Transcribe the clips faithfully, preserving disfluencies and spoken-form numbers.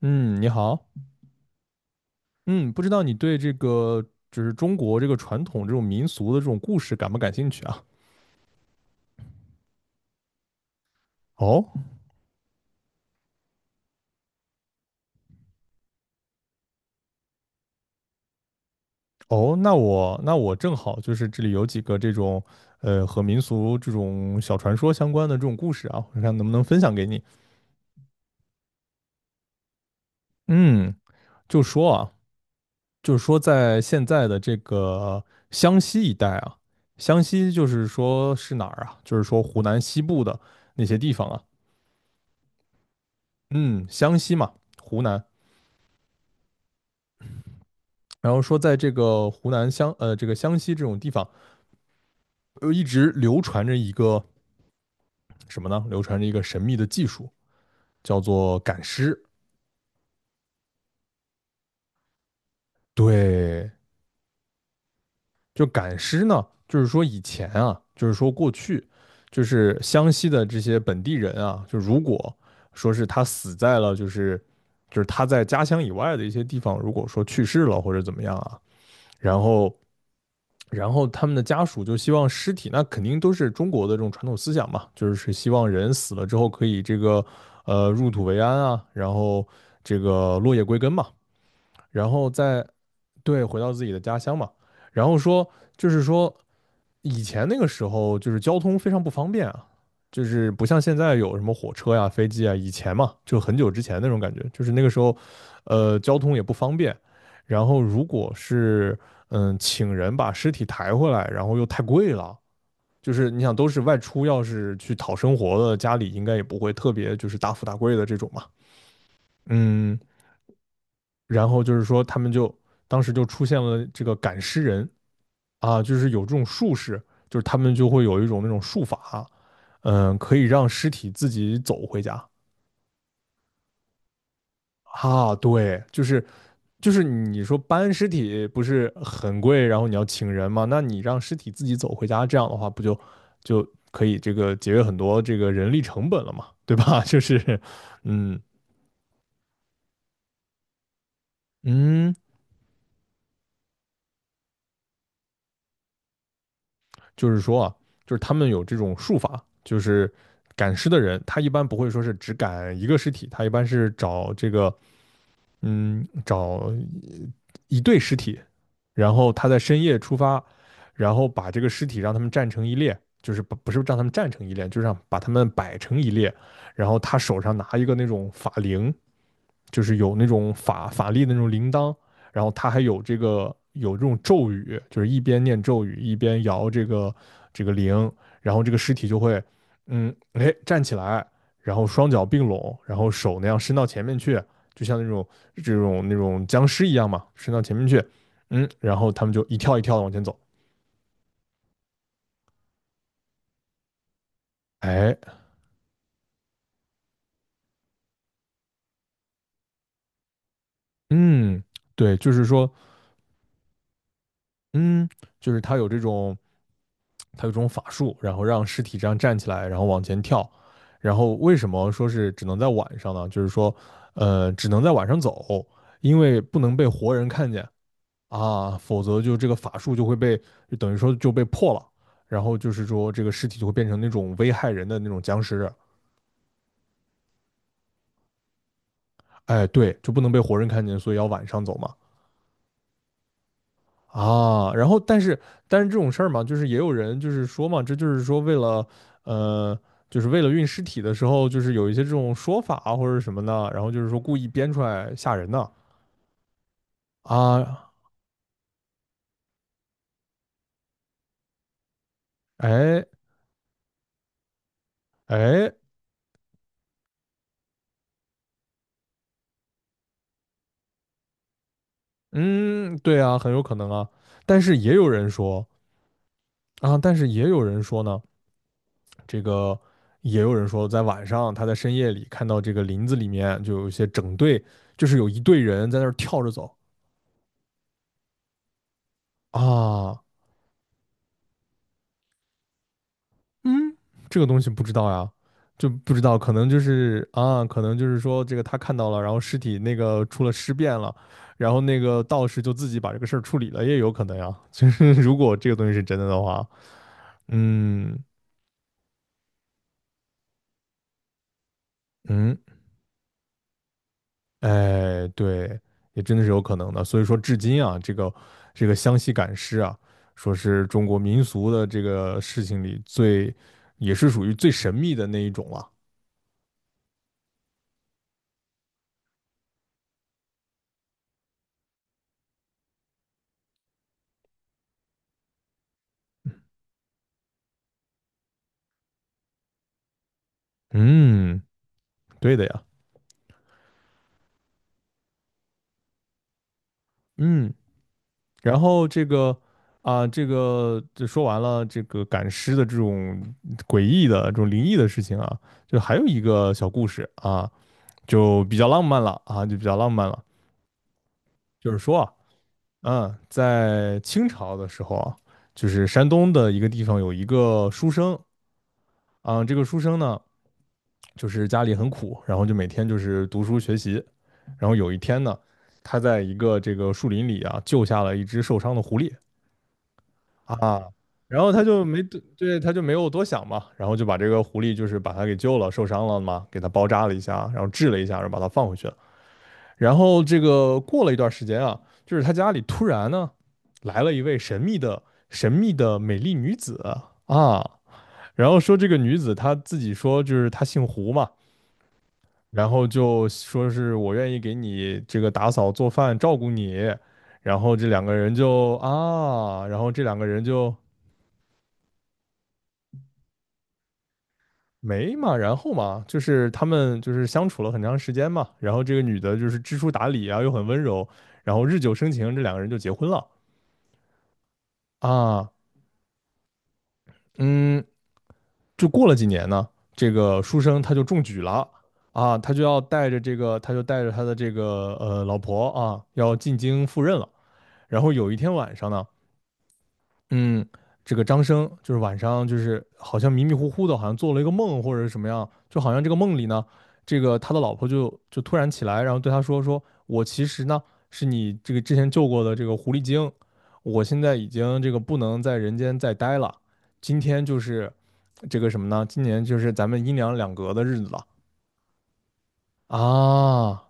嗯，你好。嗯，不知道你对这个就是中国这个传统这种民俗的这种故事感不感兴趣啊？哦哦，那我那我正好就是这里有几个这种呃和民俗这种小传说相关的这种故事啊，我看能不能分享给你。嗯，就说啊，就是说在现在的这个湘西一带啊，湘西就是说是哪儿啊？就是说湖南西部的那些地方啊，嗯，湘西嘛，湖南。然后说在这个湖南湘呃这个湘西这种地方，呃一直流传着一个什么呢？流传着一个神秘的技术，叫做赶尸。对，就赶尸呢，就是说以前啊，就是说过去，就是湘西的这些本地人啊，就如果说是他死在了就是就是他在家乡以外的一些地方，如果说去世了或者怎么样啊，然后然后他们的家属就希望尸体，那肯定都是中国的这种传统思想嘛，就是希望人死了之后可以这个呃入土为安啊，然后这个落叶归根嘛，然后再，对，回到自己的家乡嘛。然后说就是说以前那个时候就是交通非常不方便啊，就是不像现在有什么火车呀、飞机啊，以前嘛就很久之前那种感觉，就是那个时候呃交通也不方便，然后如果是嗯请人把尸体抬回来，然后又太贵了。就是你想都是外出，要是去讨生活的，家里应该也不会特别就是大富大贵的这种嘛。嗯。然后就是说他们就当时就出现了这个赶尸人啊，就是有这种术士，就是他们就会有一种那种术法，嗯，可以让尸体自己走回家啊。对，就是就是你说搬尸体不是很贵，然后你要请人嘛，那你让尸体自己走回家，这样的话不就就可以这个节约很多这个人力成本了嘛，对吧？就是，嗯嗯。就是说啊，就是他们有这种术法，就是赶尸的人，他一般不会说是只赶一个尸体，他一般是找这个嗯，找一对尸体，然后他在深夜出发，然后把这个尸体让他们站成一列，就是不不是让他们站成一列，就是让把他们摆成一列，然后他手上拿一个那种法铃，就是有那种法法力的那种铃铛，然后他还有这个有这种咒语，就是一边念咒语一边摇这个这个铃，然后这个尸体就会，嗯，哎，站起来，然后双脚并拢，然后手那样伸到前面去，就像那种这种那种僵尸一样嘛，伸到前面去，嗯，然后他们就一跳一跳的往前走。哎，嗯，对，就是说，嗯，就是他有这种，他有这种法术，然后让尸体这样站起来，然后往前跳。然后为什么说是只能在晚上呢？就是说，呃，只能在晚上走，因为不能被活人看见啊，否则就这个法术就会被，就等于说就被破了。然后就是说，这个尸体就会变成那种危害人的那种僵尸，哎，对，就不能被活人看见，所以要晚上走嘛。啊，然后但是但是这种事儿嘛，就是也有人就是说嘛，这就是说为了呃，就是为了运尸体的时候，就是有一些这种说法啊或者什么的，然后就是说故意编出来吓人的啊，哎哎，嗯，对啊，很有可能啊。但是也有人说啊，但是也有人说呢，这个也有人说在晚上他在深夜里看到这个林子里面就有一些整队，就是有一队人在那儿跳着走。啊，嗯，这个东西不知道呀，就不知道，可能就是啊，可能就是说这个他看到了，然后尸体那个出了尸变了，然后那个道士就自己把这个事儿处理了，也有可能呀。就是如果这个东西是真的的话，嗯嗯，哎，对，也真的是有可能的。所以说，至今啊，这个这个湘西赶尸啊，说是中国民俗的这个事情里最，也是属于最神秘的那一种了。嗯，对的呀。嗯，然后这个啊，这个就说完了这个赶尸的这种诡异的、这种灵异的事情啊，就还有一个小故事啊，就比较浪漫了啊，就比较浪漫了。就是说啊，嗯，在清朝的时候啊，就是山东的一个地方有一个书生啊，这个书生呢，就是家里很苦，然后就每天就是读书学习，然后有一天呢，他在一个这个树林里啊，救下了一只受伤的狐狸。啊，然后他就没对，对他就没有多想嘛，然后就把这个狐狸就是把他给救了，受伤了嘛，给他包扎了一下，然后治了一下，然后把他放回去了。然后这个过了一段时间啊，就是他家里突然呢来了一位神秘的神秘的美丽女子啊，然后说这个女子她自己说就是她姓胡嘛，然后就说是我愿意给你这个打扫做饭照顾你，然后这两个人就啊，然后这两个人就。没嘛，然后嘛，就是他们就是相处了很长时间嘛，然后这个女的就是知书达理啊，又很温柔，然后日久生情，这两个人就结婚了啊。嗯，就过了几年呢，这个书生他就中举了啊，他就要带着这个，他就带着他的这个呃老婆啊，要进京赴任了。然后有一天晚上呢，嗯，这个张生就是晚上就是好像迷迷糊糊的，好像做了一个梦或者是什么样，就好像这个梦里呢，这个他的老婆就就突然起来，然后对他说说，我其实呢是你这个之前救过的这个狐狸精，我现在已经这个不能在人间再待了，今天就是这个什么呢？今年就是咱们阴阳两隔的日子了啊。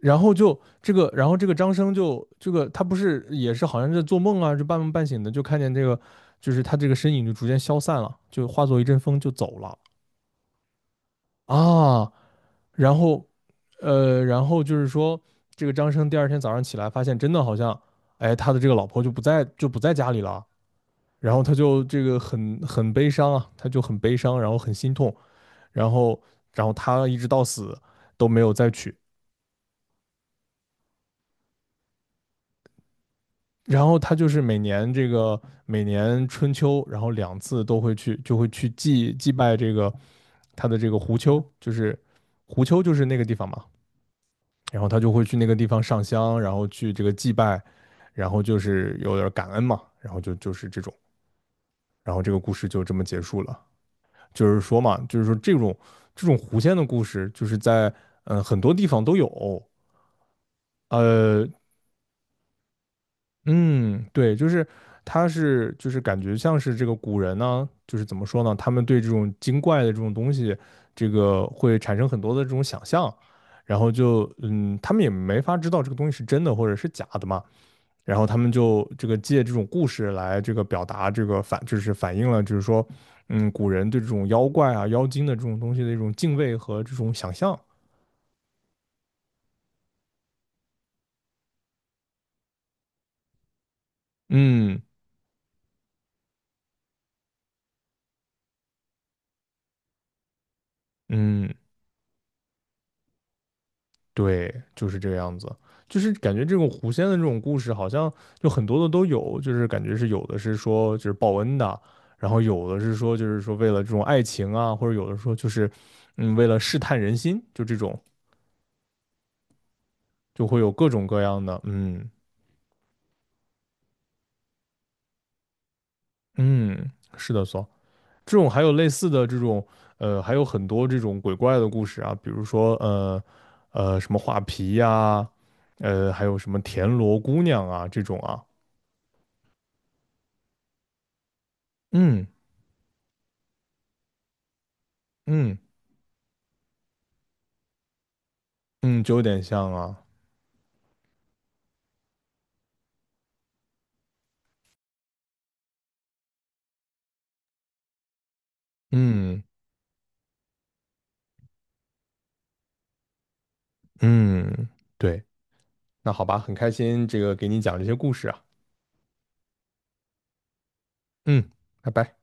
然后就这个，然后这个张生就这个，他不是也是好像在做梦啊，就半梦半醒的，就看见这个，就是他这个身影就逐渐消散了，就化作一阵风就走了啊。然后呃，然后就是说，这个张生第二天早上起来发现，真的好像，哎，他的这个老婆就不在，就不在家里了。然后他就这个很很悲伤啊，他就很悲伤，然后很心痛，然后然后他一直到死都没有再娶。然后他就是每年这个每年春秋，然后两次都会去，就会去祭祭拜这个他的这个狐丘，就是狐丘就是那个地方嘛。然后他就会去那个地方上香，然后去这个祭拜，然后就是有点感恩嘛，然后就就是这种，然后这个故事就这么结束了。就是说嘛，就是说这种这种狐仙的故事，就是在嗯、呃很多地方都有，呃，嗯，对，就是他是就是感觉像是这个古人呢，就是怎么说呢，他们对这种精怪的这种东西，这个会产生很多的这种想象，然后就嗯，他们也没法知道这个东西是真的或者是假的嘛，然后他们就这个借这种故事来这个表达这个反，就是反映了就是说，嗯，古人对这种妖怪啊、妖精的这种东西的一种敬畏和这种想象。嗯嗯，对，就是这个样子，就是感觉这种狐仙的这种故事，好像就很多的都有，就是感觉是有的是说就是报恩的，然后有的是说就是说为了这种爱情啊，或者有的说就是嗯为了试探人心，就这种就会有各种各样的，嗯嗯，是的，所这种还有类似的这种呃还有很多这种鬼怪的故事啊，比如说呃呃什么画皮呀、呃还有什么田螺姑娘啊这种啊，嗯嗯。嗯，就有点像啊。嗯嗯，对，那好吧，很开心这个给你讲这些故事啊。嗯，拜拜。